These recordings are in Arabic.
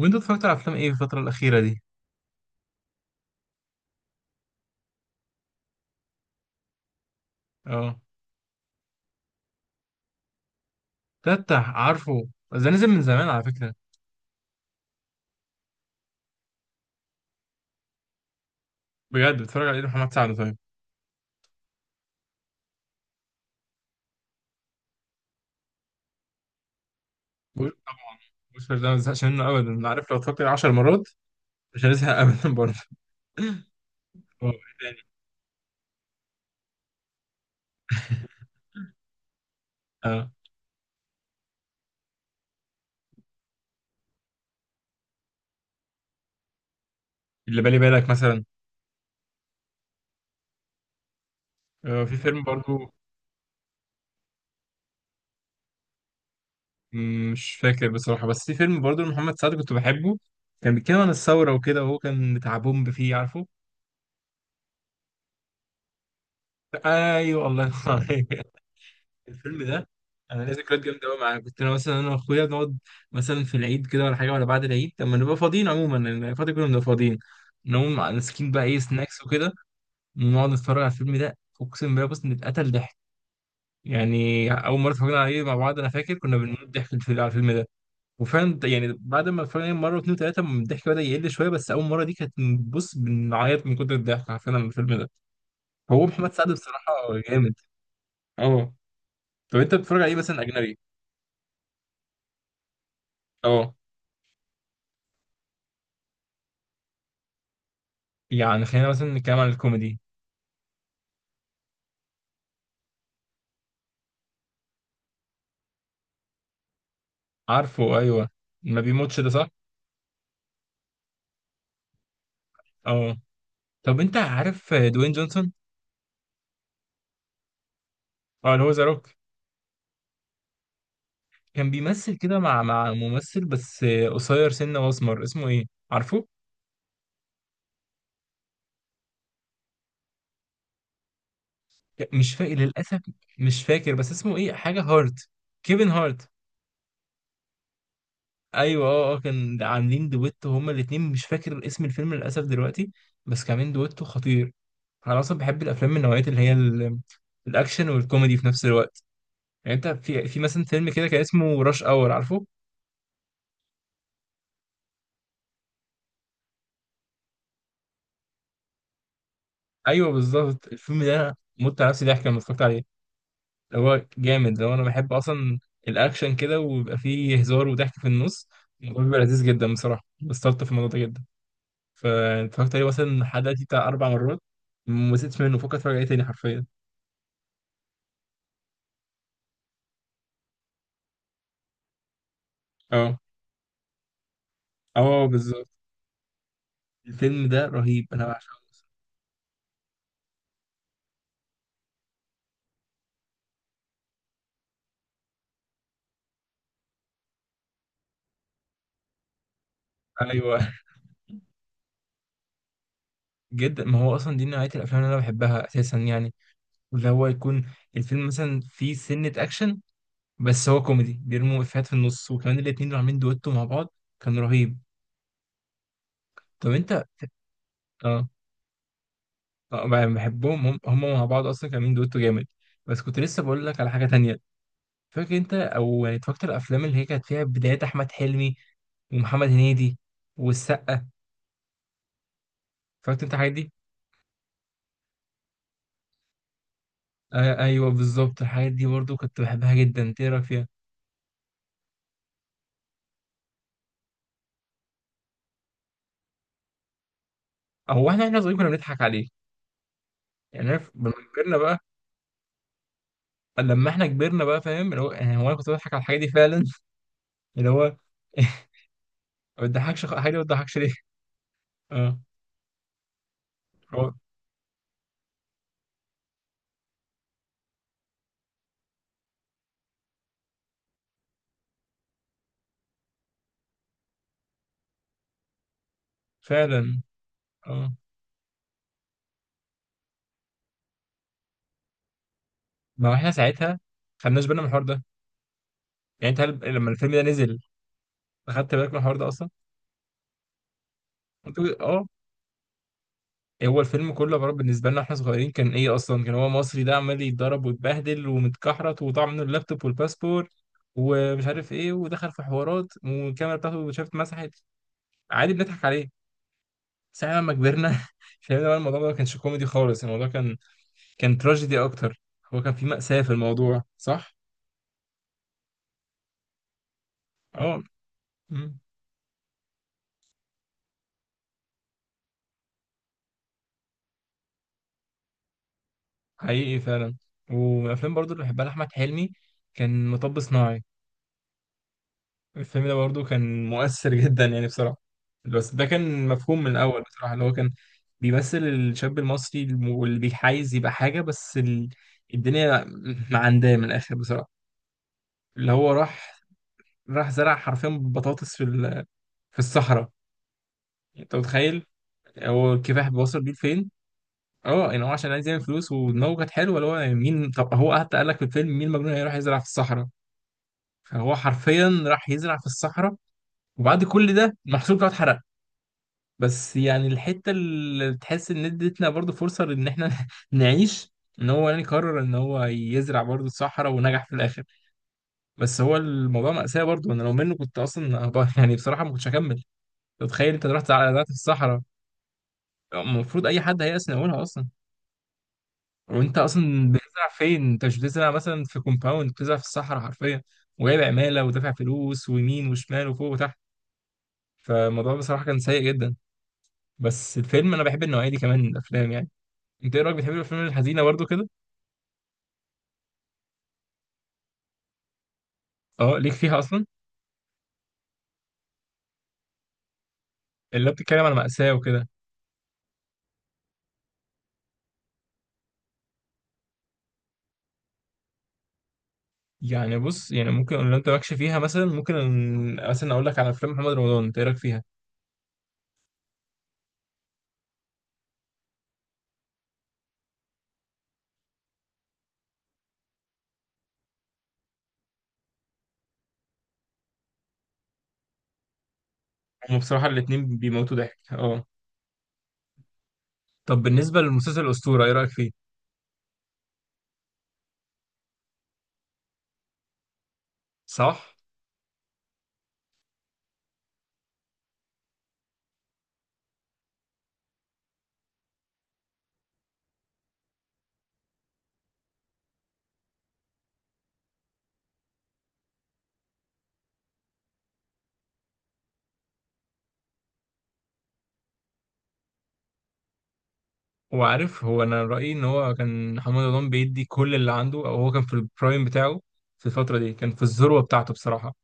وانت اتفرجت على افلام ايه في الفتره الاخيره دي؟ اه، تفتح عارفه ده نزل من زمان على فكره. بجد، بتفرج على ايه؟ محمد سعد؟ طيب. بوش طبعا. بوشكاش ده ما بزهقش منه ابدا، انا عارف لو اتفرجت عليه 10 مرات مش هنزهق ابدا برضه. هو إيه تاني؟ اه. اللي بالي بالك مثلا. آه، في فيلم برضه. مش فاكر بصراحه، بس في فيلم برضه محمد سعد كنت بحبه، كان بيتكلم عن الثوره وكده وهو كان بتاع بومب، فيه عارفه. ايوه، الله ينور عليك. الفيلم ده انا ليا ذكريات جامده قوي معاه، كنت انا مثلا انا واخويا نقعد مثلا في العيد كده ولا حاجه، ولا بعد العيد لما نبقى فاضيين عموما، لأن الفتره كنا بنبقى فاضيين، نقوم ماسكين بقى ايه سناكس وكده، ونقعد نتفرج على الفيلم ده. اقسم بالله بص نتقتل ضحك، يعني اول مره اتفرجنا عليه مع بعض انا فاكر كنا بنموت ضحك على الفيلم ده. وفعلا يعني بعد ما اتفرجنا عليه مره واثنين وثلاثه الضحك بدا يقل شويه، بس اول مره دي كانت، بص، بنعيط من كتر الضحك عارفين على الفيلم ده. هو محمد سعد بصراحه جامد، اه. طب انت بتتفرج عليه مثلا اجنبي؟ اه، يعني خلينا مثلا نتكلم عن الكوميدي. عارفه؟ ايوه، ما بيموتش ده صح. اه. طب انت عارف دوين جونسون؟ اه، اللي هو ذا روك. كان بيمثل كده مع ممثل بس قصير سنه واسمر، اسمه ايه؟ عارفه؟ مش فاكر للاسف. مش فاكر بس اسمه ايه، حاجه هارت. كيفن هارت. ايوه، اه اه، كان عاملين دويتو هما الاتنين، مش فاكر اسم الفيلم للاسف دلوقتي. بس كان عاملين دويتو خطير. انا اصلا بحب الافلام من نوعيه اللي هي الاكشن والكوميدي في نفس الوقت. يعني انت في مثلا فيلم كده كان اسمه راش اور، عارفه؟ ايوه بالظبط، الفيلم ده انا مت على نفسي ضحك لما اتفرجت عليه. اللي هو جامد، لو انا بحب اصلا الاكشن كده ويبقى فيه هزار وضحك في النص، الموضوع بيبقى لذيذ جدا بصراحه، بستلطف في الموضوع ده جدا. فاتفرجت عليه مثلا لحد دلوقتي بتاع 4 مرات، ما زهقتش منه، فكر اتفرج عليه تاني حرفيا. اه. اه بالظبط، الفيلم ده رهيب، انا بعشقه. ايوه جدا، ما هو اصلا دي نوعيه الافلام اللي انا بحبها اساسا، يعني اللي هو يكون الفيلم مثلا فيه سنه اكشن، بس هو كوميدي بيرموا افيهات في النص، وكمان الاتنين اللي عاملين دويتو مع بعض كان رهيب. طب انت؟ اه. اه، بحبهم، هم مع بعض اصلا كانوا عاملين دويتو جامد. بس كنت لسه بقول لك على حاجه تانية. فاكر انت او يعني اتفرجت على الافلام اللي هي كانت فيها بدايات احمد حلمي ومحمد هنيدي والسقا؟ اتفرجت انت الحاجات دي؟ آه ايوه بالظبط، الحاجات دي برضو كنت بحبها جدا، انت ايه رايك فيها؟ او احنا صغيرين كنا بنضحك عليه، يعني أنا لما كبرنا بقى، لما احنا كبرنا بقى فاهم اللي هو، يعني هو انا كنت بضحك على الحاجات دي فعلا، اللي هو ما بتضحكش، حاجه ما بتضحكش ليه. اه. هو فعلا. اه، ما هو احنا ساعتها ما خدناش بالنا من الحوار ده. يعني انت لما الفيلم ده نزل اخدت بالك من الحوار ده اصلا؟ اه، إيه هو الفيلم كله عباره، بالنسبه لنا احنا صغيرين كان ايه اصلا؟ كان هو مصري ده عمال يتضرب ويتبهدل ومتكحرت، وضاع منه اللابتوب والباسبور ومش عارف ايه، ودخل في حوارات، والكاميرا بتاعته شافت اتمسحت. عادي، بنضحك عليه. ساعة لما كبرنا فهمنا بقى الموضوع ده ما كانش كوميدي خالص، الموضوع كان كان تراجيدي اكتر. هو كان في مأساة في الموضوع، صح؟ اه. مم. حقيقي فعلا. ومن الافلام برضو اللي بحبها لاحمد حلمي كان مطب صناعي. الفيلم ده برضو كان مؤثر جدا يعني بصراحه، بس ده كان مفهوم من الاول بصراحه، اللي هو كان بيمثل الشاب المصري واللي بيحايز يبقى حاجه، بس الدنيا معنداه من الاخر بصراحه. اللي هو راح، زرع حرفيا بطاطس في الصحراء. يعني انت متخيل، هو الكفاح بيوصل بيه لفين؟ اه، يعني هو عشان عايز يعمل فلوس ودماغه كانت حلوه، اللي هو يعني مين، طب هو حتى قال لك في الفيلم مين المجنون هيروح يزرع في الصحراء؟ هو حرفيا راح يزرع في الصحراء. وبعد كل ده المحصول بتاعه اتحرق. بس يعني الحته اللي تحس ان ادتنا برضو فرصه ان احنا نعيش، ان هو يعني قرر ان هو يزرع برضو الصحراء ونجح في الاخر. بس هو الموضوع مأساة برضو، انا لو منه كنت اصلا يعني بصراحه ما كنتش هكمل. أنت تخيل انت رحت على زرعت في الصحراء؟ المفروض اي حد هيأس من اولها اصلا. وانت اصلا بتزرع فين؟ انت مش بتزرع مثلا في كومباوند، بتزرع في الصحراء حرفيا، وجايب عماله ودافع فلوس، ويمين وشمال وفوق وتحت. فالموضوع بصراحة كان سيء جدا. بس الفيلم، أنا بحب النوعية دي كمان من الأفلام يعني. أنت إيه رأيك، بتحب الأفلام الحزينة برضو كده؟ أه، ليك فيها أصلا اللي بتتكلم على مأساة وكده؟ يعني بص، يعني ممكن لو أنت مالكش فيها مثلا، ممكن مثلا أقول لك على أفلام محمد رمضان، أنت إيه رأيك فيها؟ هما بصراحة الاتنين بيموتوا ضحك، أه. طب بالنسبة للمسلسل الأسطورة، إيه رأيك فيه؟ صح؟ وعارف، هو أنا رأيي إن هو كان محمد رمضان بيدي كل اللي عنده، أو هو كان في البرايم بتاعه. في الفترة دي كان في الذروة بتاعته بصراحة،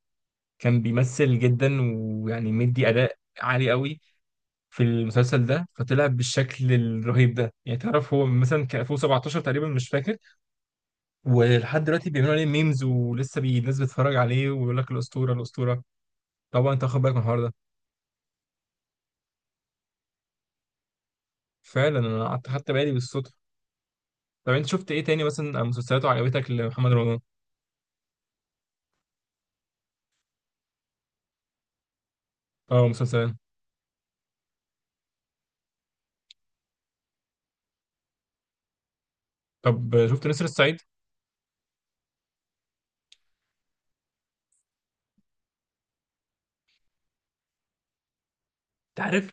كان بيمثل جدا ويعني مدي اداء عالي قوي في المسلسل ده، فطلع بالشكل الرهيب ده. يعني تعرف هو مثلا كان 2017 تقريبا، مش فاكر. ولحد دلوقتي بيعملوا عليه ميمز، ولسه الناس بتتفرج عليه ويقول لك الاسطوره الاسطوره. طبعا انت واخد بالك من الحوار ده. فعلا، انا قعدت خدت بالي بالصدفه. طب انت شفت ايه تاني مثلا؟ مسلسلاته عجبتك لمحمد رمضان؟ اه، مسلسلات. طب شفت نسر الصعيد؟ انت عارف،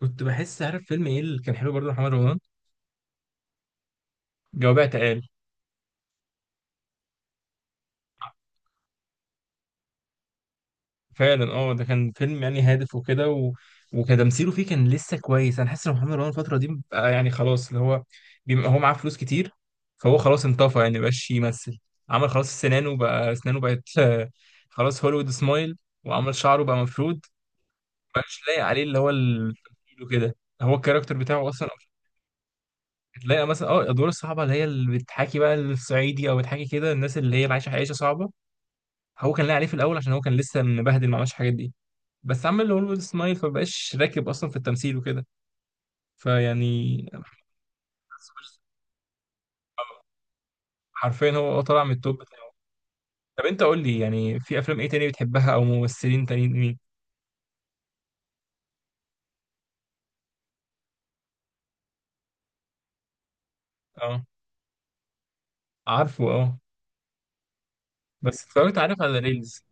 كنت بحس، عارف فيلم ايه اللي كان حلو برضه محمد رمضان؟ جواب اعتقال. فعلا، اه، ده كان فيلم يعني هادف وكده و... وكتمثيله فيه كان لسه كويس. انا حاسس ان محمد رمضان الفتره دي بقى، يعني خلاص اللي هو بيبقى هو معاه فلوس كتير، فهو خلاص انطفى يعني، مبقاش يمثل. عمل خلاص سنانه بقى، اسنانه بقت خلاص هوليوود سمايل، وعمل شعره بقى مفرود. مبقاش لايق عليه اللي هو التمثيل وكده، هو الكاركتر بتاعه اصلا. تلاقي مثلا اه الادوار الصعبه اللي هي اللي بتحاكي بقى الصعيدي، او بتحاكي كده الناس اللي هي عايشه عيشه صعبه، هو كان لاقي عليه في الاول عشان هو كان لسه مبهدل، ما عملش الحاجات دي. بس عمل هوليوود سمايل فمبقاش راكب اصلا في التمثيل وكده، فيعني بس حرفيا هو طلع من التوب بتاعه. طب انت قول لي يعني في افلام ايه تاني بتحبها؟ او ممثلين تانيين مين؟ اه. عارفه، اه. بس اتفرجت، عارف، على ريلز،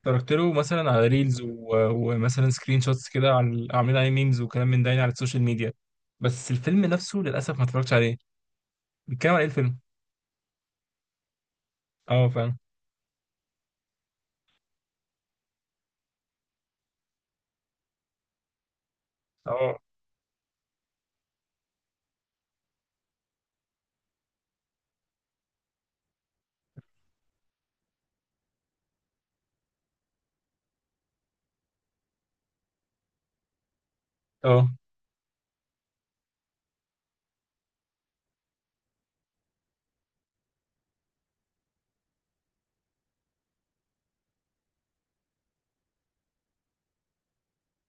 اتفرجت له مثلا على ريلز و... ومثلا سكرين شوتس كده، عن عاملين عليه ميمز وكلام من ده يعني على السوشيال ميديا. بس الفيلم نفسه للاسف ما اتفرجتش عليه، بيتكلم على ايه الفيلم؟ اه، فاهم. اه. اه.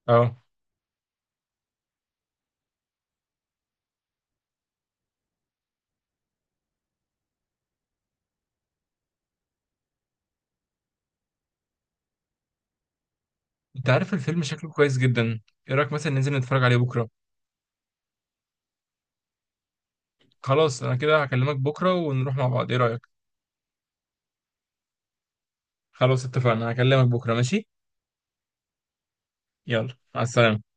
اه. انت عارف الفيلم شكله كويس جدا، ايه رايك مثلا ننزل نتفرج عليه بكره؟ خلاص، انا كده هكلمك بكرة ونروح مع بعض، ايه رأيك؟ خلاص، اتفقنا، هكلمك بكرة، ماشي. يلا، مع السلامة.